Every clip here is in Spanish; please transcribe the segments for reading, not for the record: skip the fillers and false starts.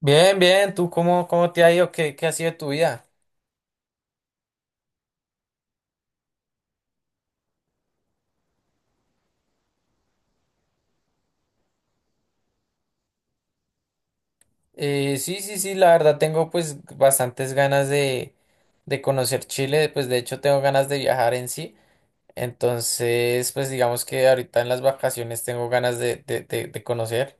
Bien, bien, ¿tú cómo te ha ido? ¿Qué ha sido de tu vida? Sí, la verdad tengo pues bastantes ganas de conocer Chile, pues de hecho tengo ganas de viajar en sí, entonces pues digamos que ahorita en las vacaciones tengo ganas de conocer,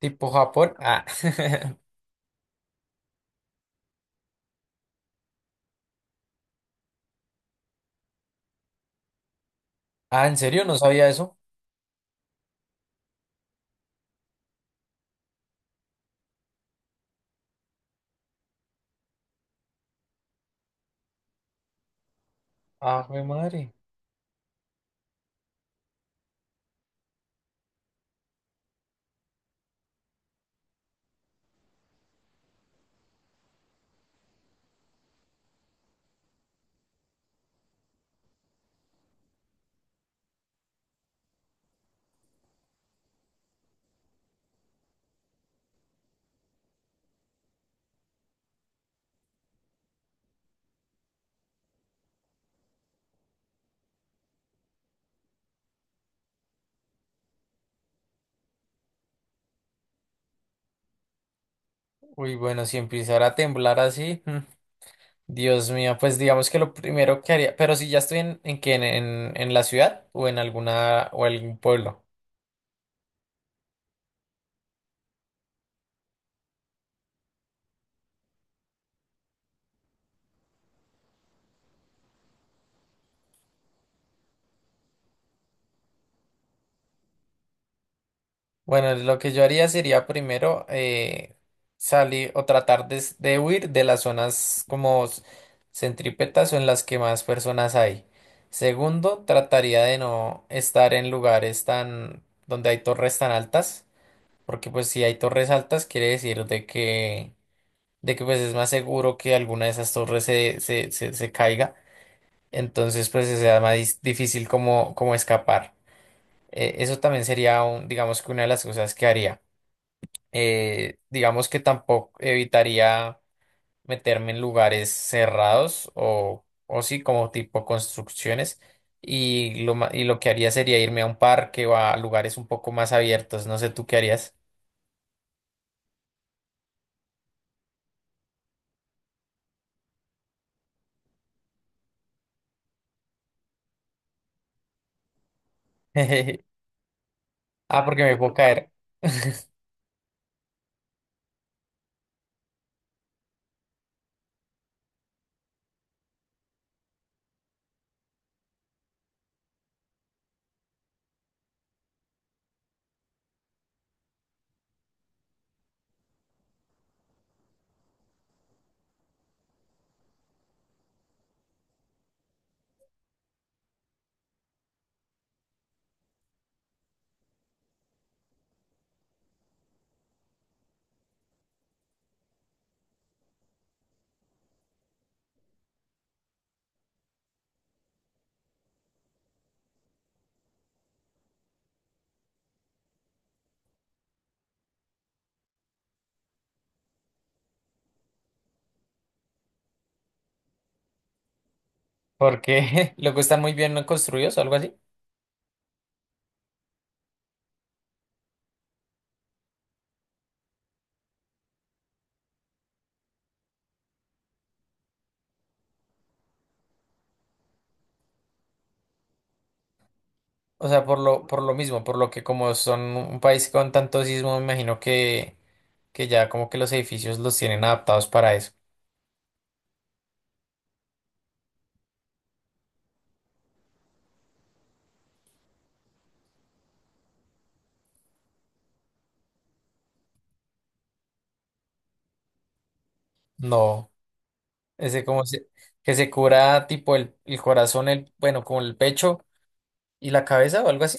tipo Japón. Ah. Ah, ¿en serio? No sabía eso. Ah, mi madre. Uy, bueno, si empezara a temblar así, Dios mío, pues digamos que lo primero que haría, pero si ya estoy en la ciudad o en alguna, o algún pueblo. Bueno, lo que yo haría sería primero salir o tratar de huir de las zonas como centrípetas o en las que más personas hay. Segundo, trataría de no estar en lugares tan donde hay torres tan altas, porque pues si hay torres altas quiere decir de que pues es más seguro que alguna de esas torres se caiga, entonces pues sea más difícil como, como escapar. Eso también sería un, digamos que una de las cosas que haría digamos que tampoco evitaría meterme en lugares cerrados o sí, como tipo construcciones. Y y lo que haría sería irme a un parque o a lugares un poco más abiertos. No sé tú qué harías. Ah, porque me puedo caer. Porque luego están muy bien construidos o algo así. O sea, por lo mismo, por lo que como son un país con tanto sismo, me imagino que ya como que los edificios los tienen adaptados para eso. No. Ese como que se cura tipo el corazón, el, bueno, como el pecho y la cabeza o algo así.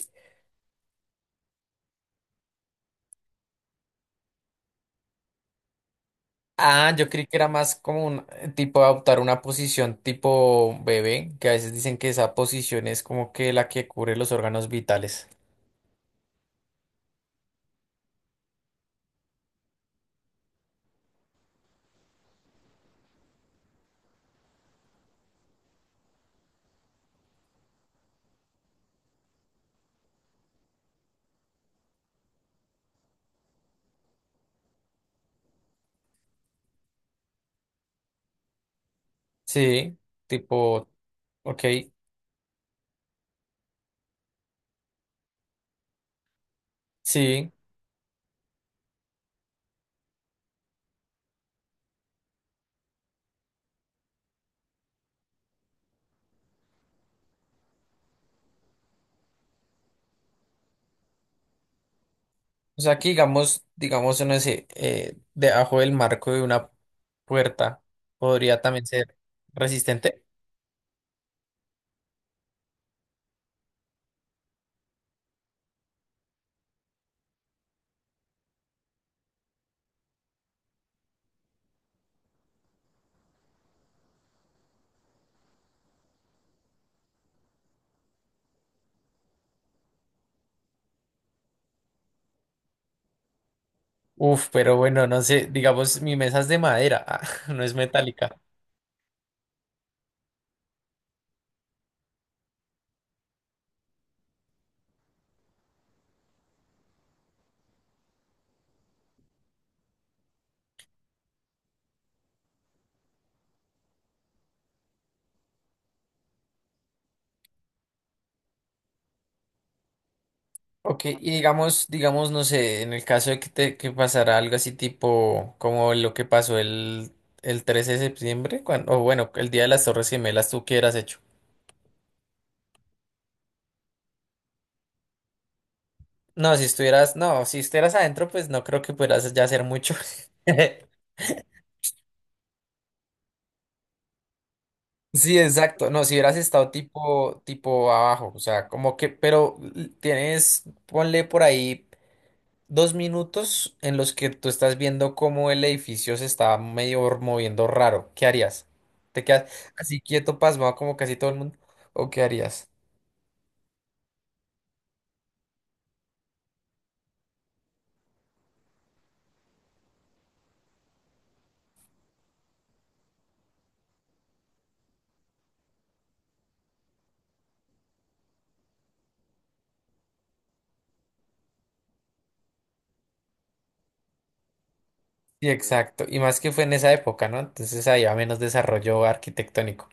Ah, yo creí que era más como un tipo adoptar una posición tipo bebé, que a veces dicen que esa posición es como que la que cubre los órganos vitales. Sí, tipo, ok, sí. O sea, aquí digamos, digamos, no sé, debajo del marco de una puerta podría también ser resistente. Uf, pero bueno, no sé, digamos, mi mesa es de madera, ah, no es metálica. Ok, y digamos, digamos, no sé, en el caso de que, te, que pasara algo así tipo como lo que pasó el 13 de septiembre, cuando, o bueno, el día de las Torres Gemelas, ¿tú qué hubieras hecho? No, si estuvieras, no, si estuvieras adentro, pues no creo que pudieras ya hacer mucho. Sí, exacto. No, si hubieras estado tipo abajo, o sea, como que, pero tienes, ponle por ahí. Dos minutos en los que tú estás viendo cómo el edificio se está medio moviendo raro. ¿Qué harías? ¿Te quedas así quieto, pasmado como casi todo el mundo? ¿O qué harías? Sí, exacto. Y más que fue en esa época, ¿no? Entonces había menos desarrollo arquitectónico.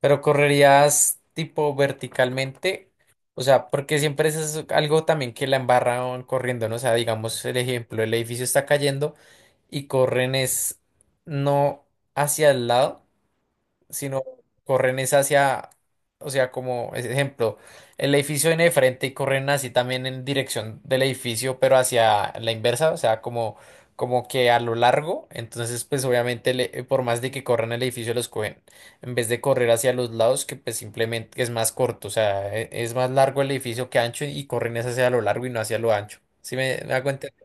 Pero correrías tipo verticalmente. O sea, porque siempre eso es algo también que la embarran corriendo, ¿no? O sea, digamos el ejemplo, el edificio está cayendo y corren es no hacia el lado sino corren es hacia, o sea, como ejemplo, el edificio viene de frente y corren así también en dirección del edificio, pero hacia la inversa, o sea, como, como que a lo largo, entonces pues obviamente por más de que corran el edificio los cogen, en vez de correr hacia los lados, que pues simplemente es más corto, o sea, es más largo el edificio que ancho y corren es hacia lo largo y no hacia lo ancho. ¿Sí me hago entender?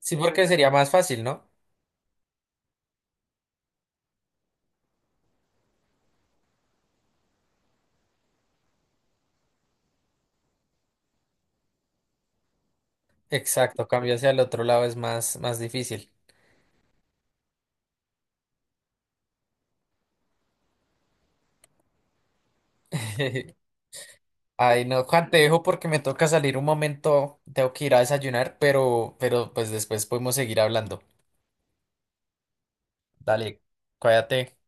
Sí, porque sería más fácil, ¿no? Exacto, cambio hacia el otro lado es más, más difícil. Ay, no, Juan, te dejo porque me toca salir un momento, tengo que ir a desayunar, pero pues después podemos seguir hablando. Dale, cuídate.